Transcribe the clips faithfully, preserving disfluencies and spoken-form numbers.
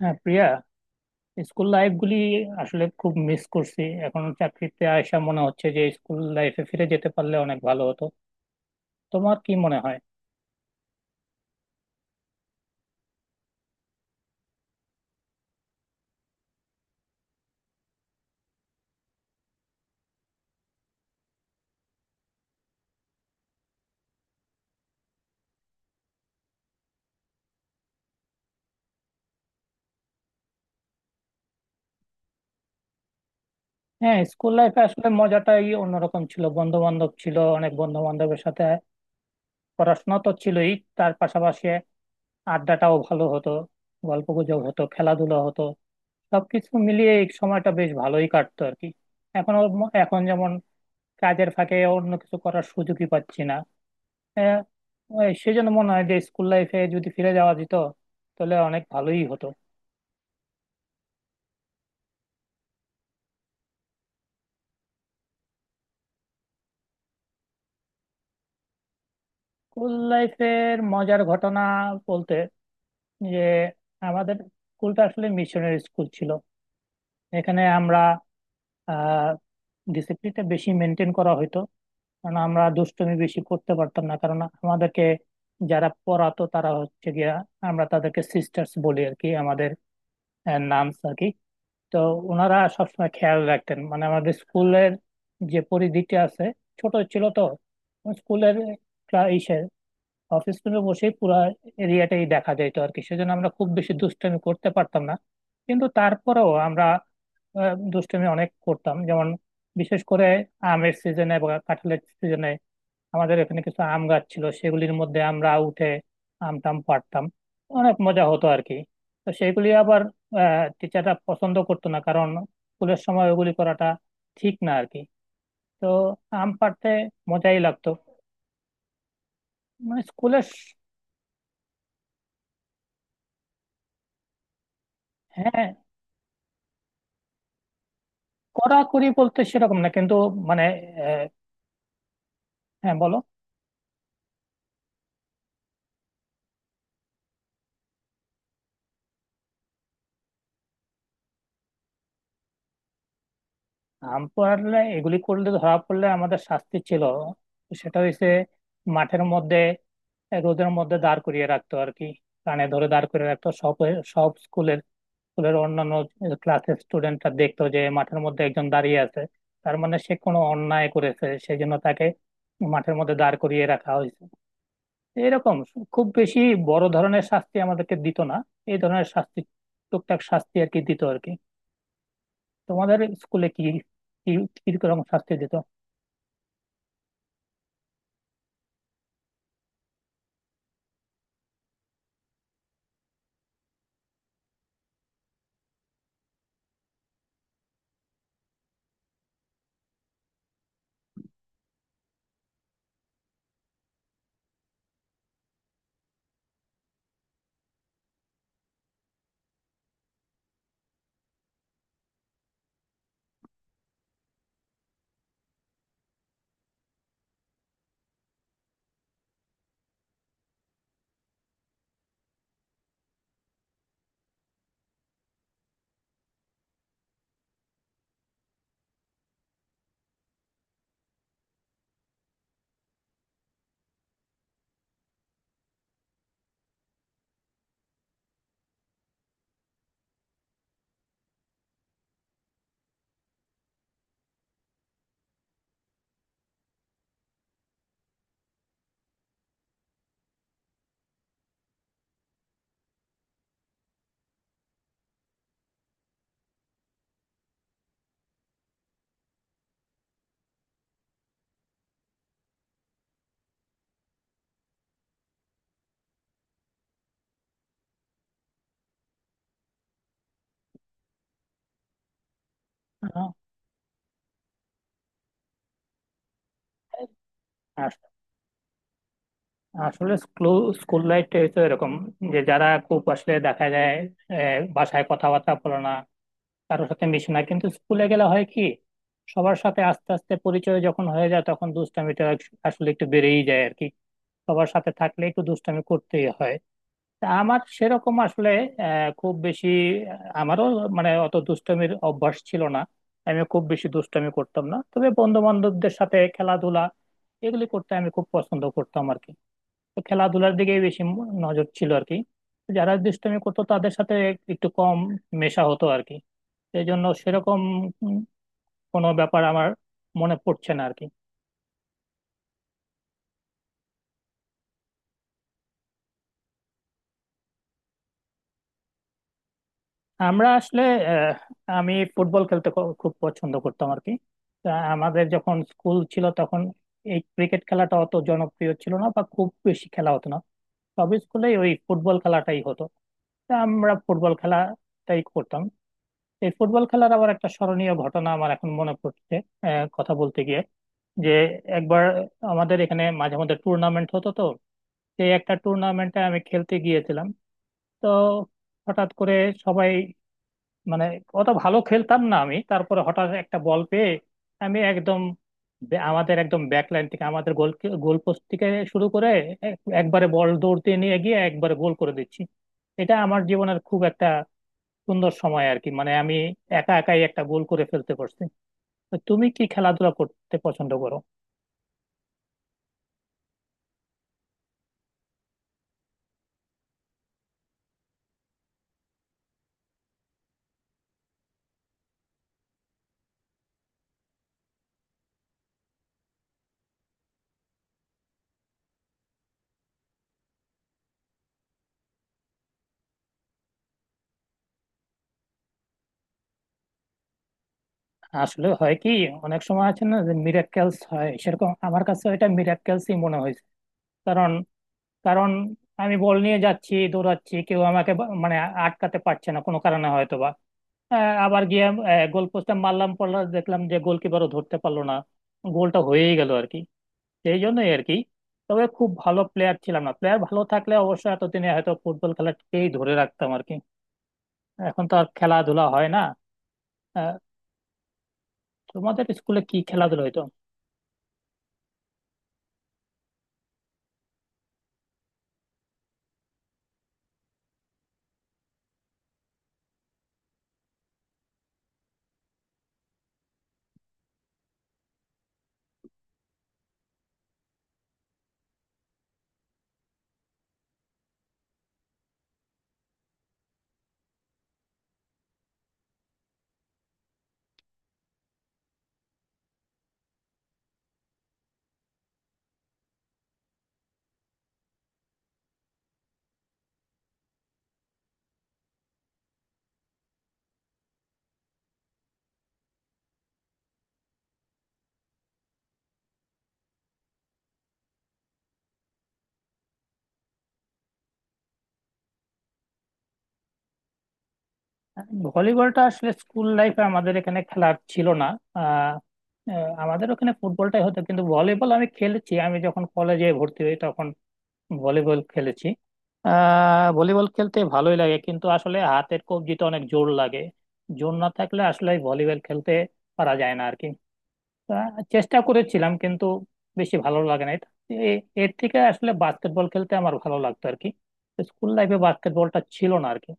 হ্যাঁ Priya, school life গুলি আসলে খুব মিস করছি। এখন চাকরিতে আয়সা মনে হচ্ছে যে স্কুল লাইফে ফিরে যেতে পারলে অনেক ভালো হতো। তোমার কি মনে হয়? হ্যাঁ, স্কুল লাইফে আসলে মজাটাই অন্যরকম ছিল। বন্ধু বান্ধব ছিল, অনেক বন্ধু বান্ধবের সাথে পড়াশোনা তো ছিলই, তার পাশাপাশি আড্ডাটাও ভালো হতো, গল্প গুজব হতো, খেলাধুলা হতো। সবকিছু মিলিয়ে এই সময়টা বেশ ভালোই কাটতো আর কি। এখন, এখন যেমন কাজের ফাঁকে অন্য কিছু করার সুযোগই পাচ্ছি না। হ্যাঁ, ওই সেজন্য মনে হয় যে স্কুল লাইফে যদি ফিরে যাওয়া যেত, তাহলে অনেক ভালোই হতো। স্কুল লাইফের মজার ঘটনা বলতে, যে আমাদের স্কুলটা আসলে মিশনের স্কুল ছিল। এখানে আমরা আহ ডিসিপ্লিনটা বেশি মেনটেন করা হতো। কারণ আমরা দুষ্টুমি বেশি করতে পারতাম না, কারণ আমাদেরকে যারা পড়াতো তারা হচ্ছে গিয়া, আমরা তাদেরকে সিস্টার্স বলি আর কি, আমাদের নামস আর কি। তো ওনারা সবসময় খেয়াল রাখতেন মানে আমাদের স্কুলের যে পরিধিটি আছে, ছোট ছিল তো স্কুলের, ইসে অফিস রুমে বসেই পুরো এরিয়াটাই দেখা যেত আর কি। সেজন্য আমরা খুব বেশি দুষ্টামি করতে পারতাম না। কিন্তু তারপরেও আমরা আহ, দুষ্টামি অনেক করতাম। যেমন বিশেষ করে আমের সিজনে বা কাঁঠালের সিজনে আমাদের এখানে কিছু আম গাছ ছিল, সেগুলির মধ্যে আমরা উঠে আম টাম পাড়তাম, অনেক মজা হতো আর কি। তো সেগুলি আবার টিচাররা পছন্দ করতো না, কারণ স্কুলের সময় ওগুলি করাটা ঠিক না আর কি। তো আম পাড়তে মজাই লাগতো। মানে স্কুলের, হ্যাঁ কড়াকড়ি বলতে সেরকম না, কিন্তু মানে আহ, হ্যাঁ বলো। আম পোড়ালে এগুলি করলে ধরা পড়লে আমাদের শাস্তি ছিল, সেটা হইছে মাঠের মধ্যে রোদের মধ্যে দাঁড় করিয়ে রাখতো আর কি, কানে ধরে দাঁড় করিয়ে রাখতো। সব, সব স্কুলের, স্কুলের অন্যান্য ক্লাসের স্টুডেন্টরা দেখতো যে মাঠের মধ্যে একজন দাঁড়িয়ে আছে, তার মানে সে কোনো অন্যায় করেছে সেই জন্য তাকে মাঠের মধ্যে দাঁড় করিয়ে রাখা হয়েছে। এরকম খুব বেশি বড় ধরনের শাস্তি আমাদেরকে দিত না। এই ধরনের শাস্তি, টুকটাক শাস্তি আর কি দিত আর কি। তোমাদের স্কুলে কি, কি, কিরকম শাস্তি দিত? আহ, আস- আসলে স্কুল স্কুল লাইফটা হচ্ছে এরকম, যে যারা খুব আসলে দেখা যায় আহ, বাসায় কথাবার্তা বলে না, কারোর সাথে মিশে না, কিন্তু স্কুলে গেলে হয় কি, সবার সাথে আস্তে আস্তে পরিচয় যখন হয়ে যায় তখন দুষ্টামিটা আসলে একটু বেড়েই যায় আর কি। সবার সাথে থাকলে একটু দুষ্টামি করতেই হয়। তা আমার সেরকম আসলে আহ, খুব বেশি আহ, আমারও মানে অত দুষ্টমির অভ্যাস ছিল না। আমি খুব বেশি দুষ্টমি করতাম না, তবে বন্ধু বান্ধবদের সাথে খেলাধুলা, এগুলি করতে আমি খুব পছন্দ করতাম আর কি। তো খেলাধুলার দিকেই বেশি ম- নজর ছিল আর কি। যারা দুষ্টমি করতো তাদের সাথে একটু কম মেশা হতো আর কি। সেই জন্য সেরকম উম, কোনো ব্যাপার আমার মনে পড়ছে না আর কি। আমরা আসলে, আহ, আমি ফুটবল খেলতে খু- খুব পছন্দ করতাম আর কি। তা আমাদের যখন স্কুল ছিল তখন এই ক্রিকেট খেলাটা অত জনপ্রিয় ছিল না, বা খুব বেশি খেলা হতো না। সব স্কুলেই ওই ফুটবল খেলাটাই হতো। তা আমরা ফুটবল খেলাটাই করতাম। এই ফুটবল খেলার আবার একটা স্মরণীয় ঘটনা আমার এখন মনে পড়ছে, আহ, কথা বলতে গিয়ে। যে একবার আমাদের এখানে মাঝে মধ্যে টুর্নামেন্ট হতো তো, সেই একটা টুর্নামেন্টে আমি খেলতে গিয়েছিলাম। তো হঠাৎ করে, সবাই, মানে অত ভালো খেলতাম না আমি, তারপরে হঠাৎ একটা বল পেয়ে আমি একদম বে- আমাদের একদম ব্যাক লাইন থেকে, আমাদের গোল, গোল পোস্ট থেকে শুরু করে এক- একবারে বল দৌড় দিয়ে নিয়ে গিয়ে একবারে গোল করে দিচ্ছি। এটা আমার জীবনের খুব একটা সুন্দর সময় আর কি, মানে আমি একা একাই একটা গোল করে ফেলতে পারছি। তো তুমি কি খেলাধুলা করতে পছন্দ করো? আসলে হয় কি, অনেক সময় আছে না যে মিরাক্কেলস হয়, সেরকম আমার কাছে এটা মিরাক্কেলসই মনে হয়েছে। কারণ কারণ আমি বল নিয়ে যাচ্ছি, দৌড়াচ্ছি, কেউ আমাকে বা- মানে আটকাতে পারছে না কোনো কারণে হয়তো বা। আহ, আবার গিয়ে গোল পোস্টে মারলাম, পড়লাম, দেখলাম যে গোলকিপারও ধরতে পারলো না, গোলটা হয়েই গেল আর কি। সেই জন্যই আর কি। তবে খুব ভালো প্লেয়ার ছিলাম না, প্লেয়ার ভালো থাকলে অবশ্য এতদিনে হয়তো ফুটবল খেলাটাকেই ধরে রাখতাম আর কি। এখন তো আর খেলাধুলা হয় না। আহ, তোমাদের স্কুলে কি খেলাধুলা হইতো? ভলিবলটা আসলে স্কুল লাইফে আমাদের এখানে খেলা ছিল না। আহ, আহ, আমাদের ওখানে ফুটবলটাই হতো, কিন্তু ভলিবল আমি খেলেছি। আমি যখন কলেজে ভর্তি হই তখন ভলিবল খেলেছি। আহ ভলিবল খেলতে ভালোই লাগে, কিন্তু আসলে হাতের কবজিতে অনেক জোর লাগে। জোর না থাকলে আসলে ভলিবল খেলতে পারা যায় না আর কি। আহ, চেষ্টা করেছিলাম, কিন্তু বেশি ভালো লাগে না। এটা- এ- এর থেকে আসলে বাস্কেটবল খেলতে আমার ভালো লাগতো আর কি। স্কুল লাইফে বাস্কেটবলটা ছিল না আর কি,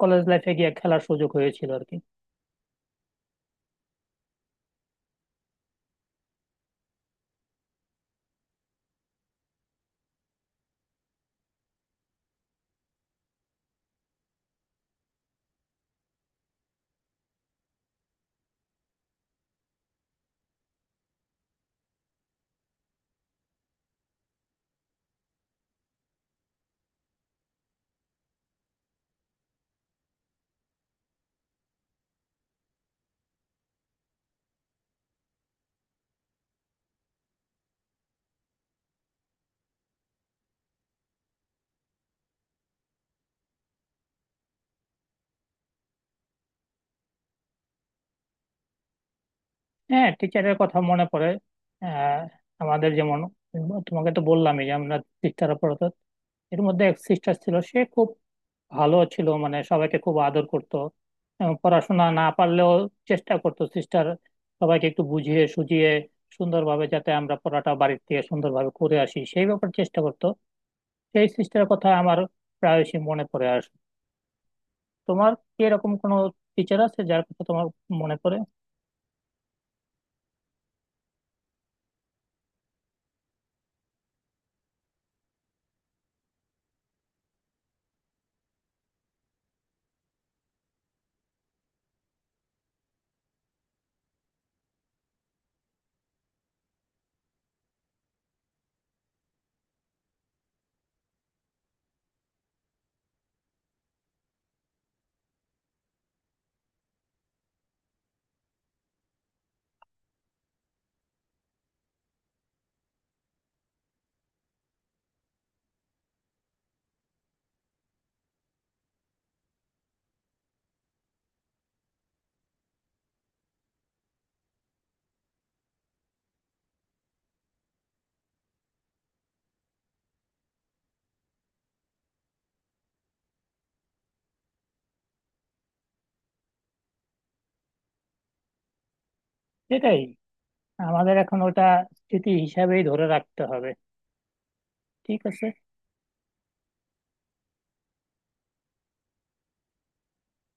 কলেজ লাইফে গিয়ে খেলার সুযোগ হয়েছিল আর কি। হ্যাঁ, টিচারের কথা মনে পড়ে। আহ, আমাদের যেমন, তোমাকে তো বললামই যে আমরা, সিস্টাররা পড়াতো। এর মধ্যে এক সিস্টার ছিল, সে খুব ভালো ছিল, মানে সবাইকে খুব আদর করতো। এবং পড়াশোনা না পারলেও চেষ্টা করতো সিস্টার সবাইকে একটু বুঝিয়ে সুঝিয়ে সুন্দরভাবে, যাতে আমরা পড়াটা বাড়ির থেকে সুন্দরভাবে করে আসি সেই ব্যাপারে চেষ্টা করতো। সেই সিস্টারের কথা আমার প্রায়শই মনে পড়ে আসে। তোমার কি এরকম কোনো টিচার আছে যার কথা তোমার মনে পড়ে? সেটাই, আমাদের এখন ওটা স্মৃতি হিসাবেই ধরে রাখতে হবে। ঠিক আছে।